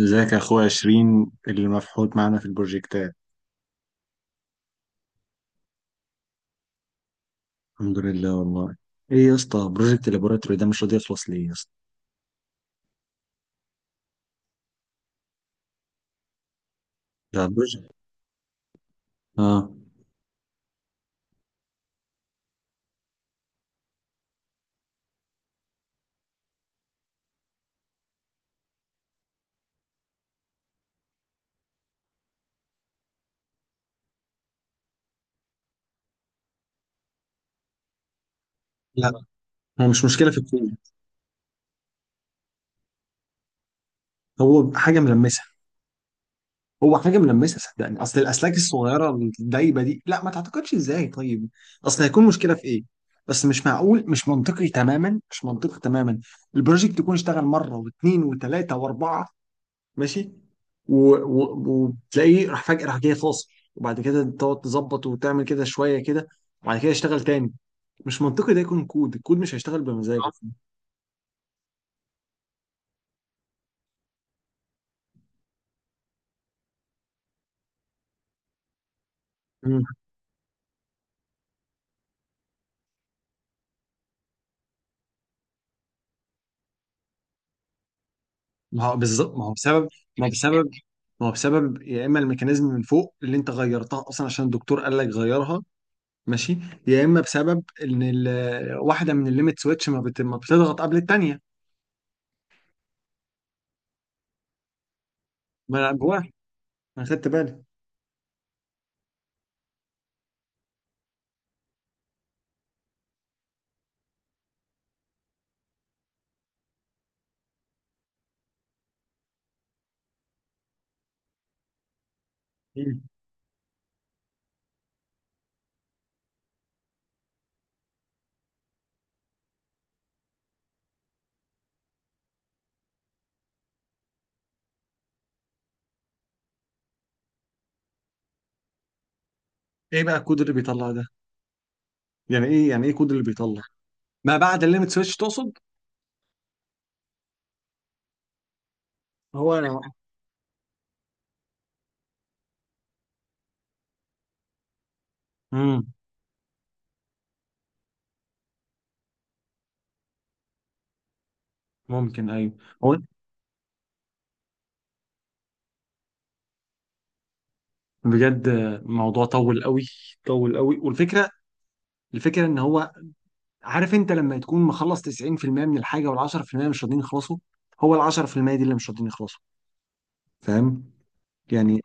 ازيك يا اخويا عشرين اللي مفحوط معانا في البروجكتات. الحمد لله والله. ايه يا اسطى، بروجكت اللابوراتوري ده مش راضي يخلص ليه يا اسطى؟ ده بروجكت. اه، لا، هو مش مشكله في الكود، هو حاجه ملمسه. هو حاجه ملمسه صدقني، اصل الاسلاك الصغيره الدايبه دي. لا، ما تعتقدش ازاي؟ طيب اصل هيكون مشكله في ايه؟ بس مش معقول، مش منطقي تماما، مش منطقي تماما. البروجكت يكون اشتغل مره واثنين وثلاثه واربعه، ماشي، و- و- وتلاقيه راح فجأة، راح جاي فاصل، وبعد كده تقعد تظبط وتعمل كده شوية كده، وبعد كده يشتغل تاني. مش منطقي ده يكون كود، الكود مش هيشتغل بمزاجه. مم. ما هو بالظبط ما هو بسبب ما هو بسبب ما هو بسبب يا اما الميكانيزم من فوق اللي انت غيرتها اصلا عشان الدكتور قال لك غيرها، ماشي، يا اما بسبب ان واحده من الليميت سويتش ما بتضغط قبل الثانيه. ما انا جواها، انا خدت بالي. مم. ايه بقى الكود اللي بيطلع ده؟ يعني ايه الكود اللي بيطلع؟ ما بعد الليمت سويتش تقصد؟ هو انا. امم. ممكن، ايوه. هو بجد الموضوع طول قوي، طول قوي. والفكره ان هو، عارف انت لما تكون مخلص 90% من الحاجه، وال 10% مش راضيين يخلصوا، هو ال 10% دي اللي مش راضيين يخلصوا، فاهم؟ يعني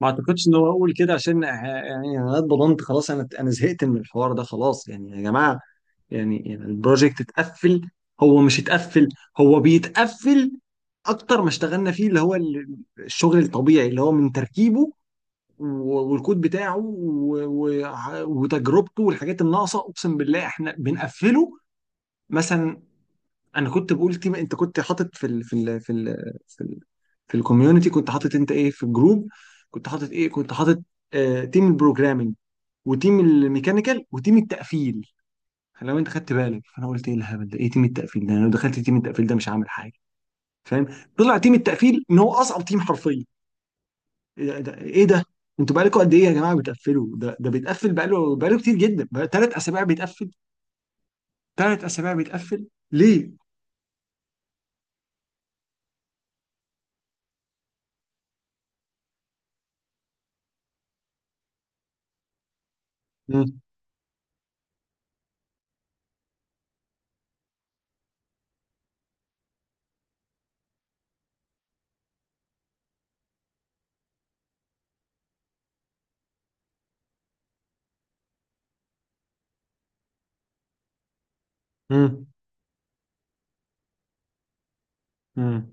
ما اعتقدش ان هو اقول كده، عشان يعني انا اتبضنت خلاص، انا زهقت من الحوار ده خلاص يعني يا جماعه. يعني البروجكت اتقفل، هو مش اتقفل، هو بيتقفل. اكتر ما اشتغلنا فيه اللي هو الشغل الطبيعي اللي هو من تركيبه، و- والكود بتاعه و- و- وتجربته والحاجات الناقصه، اقسم بالله احنا بنقفله. مثلا انا كنت بقول تيم، انت كنت حاطط في ال في ال في ال في ال في الكوميونتي، كنت حاطط انت ايه في الجروب؟ كنت حاطط ايه كنت حاطط آه، تيم البروجرامينج وتيم الميكانيكال وتيم التقفيل. لو انت خدت بالك، فانا قلت ايه الهبل ده؟ ايه تيم التقفيل ده؟ انا لو دخلت تيم التقفيل ده مش هعمل حاجه، فاهم؟ طلع تيم التقفيل ان هو اصعب تيم حرفيا. ايه ده؟ ايه ده؟ انتوا بقالكم قد ايه يا جماعه بتقفلوا؟ ده ده بيتقفل بقاله، بقاله كتير جدا، بقى 3 اسابيع بيتقفل. 3 اسابيع بيتقفل ليه؟ مم. مم. مم.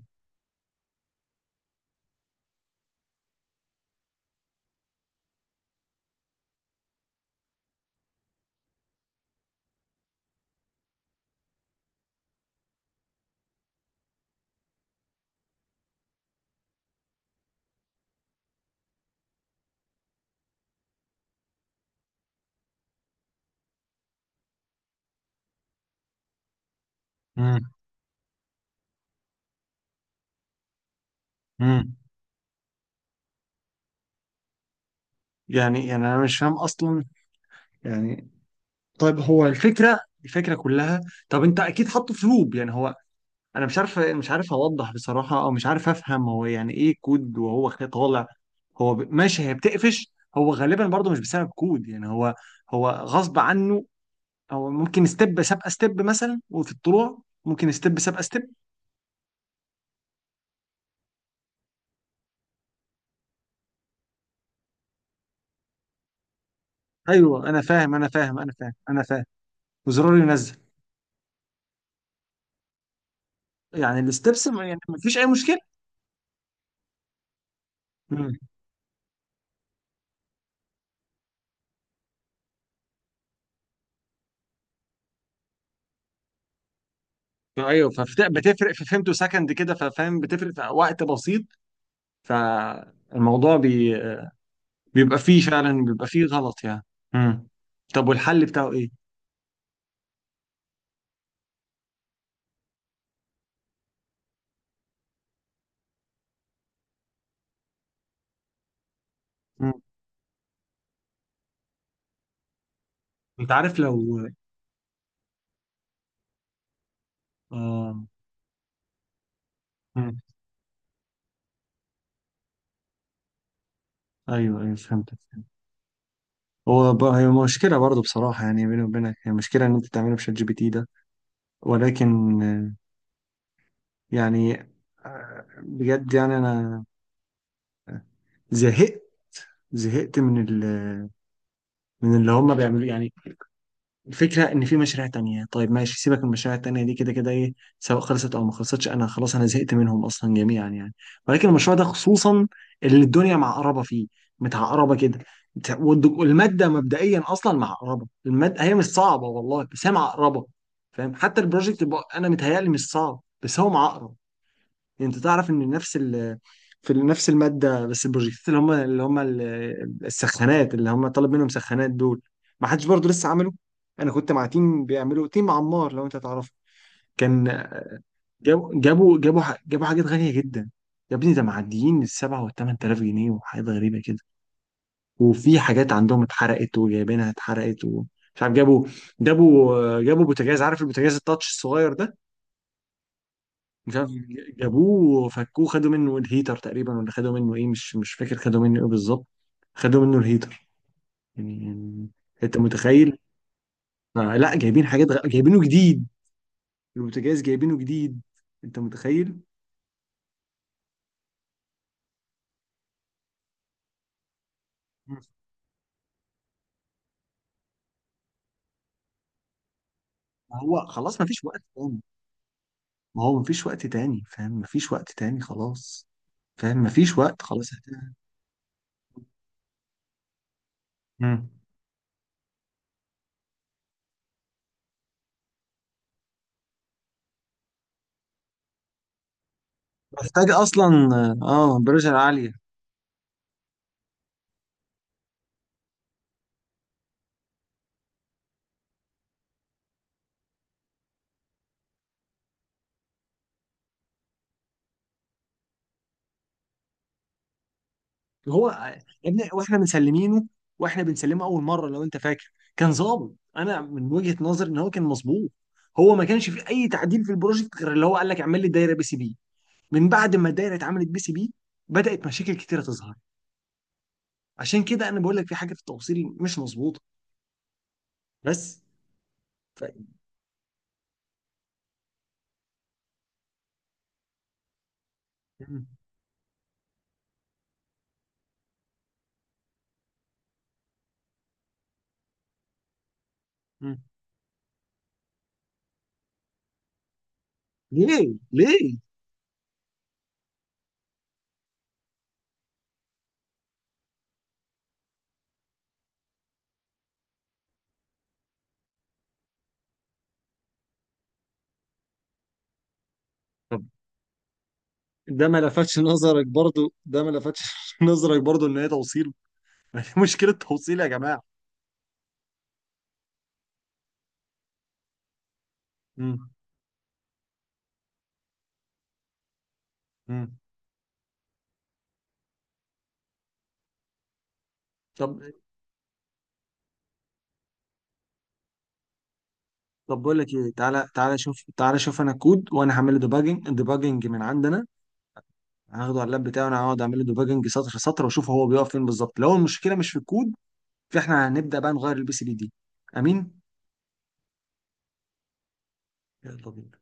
مم. مم. يعني، يعني انا مش فاهم اصلا، يعني. طيب هو الفكره، الفكره كلها، طب انت اكيد حاطه في لوب، يعني هو، انا مش عارف اوضح بصراحه، او مش عارف افهم هو يعني ايه كود وهو طالع. ماشي، هي بتقفش. هو غالبا برضه مش بسبب كود، يعني هو، هو غصب عنه. هو ممكن ستيب سابقه ستيب مثلا، وفي الطلوع ممكن ستيب سابقه ستيب. ايوه انا فاهم انا فاهم. وزرار ينزل. يعني الستبس يعني مفيش اي مشكله. مم. ايوه، فبتفرق في، فهمته سكند كده، ففاهم بتفرق في وقت بسيط. فالموضوع بي... بيبقى فيه فعلا، بيبقى فيه غلط يعني. مم. طب والحل بتاعه ايه؟ مم. انت عارف، لو. اه. ايوه ايوه فهمتك، فهمت. هي مشكله برضه بصراحه، يعني بيني وبينك، هي مشكله ان انت تعمله بشات جي بي تي ده. ولكن يعني. بجد يعني انا زهقت، زهقت من ال، من اللي هم بيعملوا يعني. الفكرة إن في مشاريع تانية، طيب ماشي، سيبك من المشاريع التانية دي، كده كده إيه، سواء خلصت أو ما خلصتش، أنا خلاص، أنا زهقت منهم أصلا جميعا يعني. ولكن المشروع ده خصوصا، اللي الدنيا معقربة فيه، متعقربة كده، بت- والد- والمادة مبدئيا أصلا معقربة. المادة هي مش صعبة والله، بس هي معقربة، فاهم؟ حتى البروجكت بقى أنا متهيألي مش صعب، بس هو معقرب. يعني انت تعرف ان نفس في نفس الماده، بس البروجكتات اللي هم السخانات اللي هم طالب منهم سخانات دول، ما حدش برضه لسه عمله. انا كنت مع تيم بيعملوا، تيم عمار لو انت تعرفه، كان، جابوا حاجات غاليه جدا. يا ابني ده معديين ال7 وال8 آلاف جنيه، وحاجات غريبة كده، وفي حاجات عندهم اتحرقت، وجايبينها اتحرقت، ومش عارف. جابوا، جابوا بوتاجاز، عارف البوتاجاز التاتش الصغير ده؟ مش عارف، جابوه فكوه، خدوا منه الهيتر تقريبا، ولا خدوا منه ايه، مش فاكر خدوا منه ايه بالظبط. خدوا منه الهيتر، يعني، يعني انت متخيل. آه لا، جايبينه جديد، البوتاجاز جايبينه جديد، انت متخيل. ما هو خلاص ما فيش وقت تاني. ما هو ما فيش وقت تاني، فاهم، ما فيش وقت تاني خلاص، فاهم، ما فيش وقت خلاص. مم. محتاج اصلا. اه، برجر عالية. هو، يا ابني واحنا مسلمينه، واحنا بنسلمه اول مره لو انت فاكر، كان ظابط. انا من وجهه نظري ان هو كان مظبوط. هو ما كانش فيه اي تعديل في البروجكت غير اللي هو قال لك اعمل لي دايره بي سي بي. من بعد ما الدايره اتعملت بي سي بي، بدات مشاكل كتيره تظهر. عشان كده انا بقول لك في حاجه في التوصيل مش مظبوطه. بس. ف... م- م. ليه؟ ليه؟ طب. ده ما لفتش نظرك برضو؟ ده ما لفتش نظرك برضو ان هي توصيل؟ مشكله توصيل يا جماعه. م- م. طب، طب بقول لك ايه، تعالى شوف، انا كود، وانا هعمل له ديباجنج، ديباجنج من عندنا، هاخده على اللاب بتاعي، وانا هقعد اعمل له ديباجنج سطر سطر، واشوف هو بيقف فين بالظبط. لو المشكله مش في الكود، فاحنا هنبدا بقى نغير البي سي بي دي. امين. يلا بينا.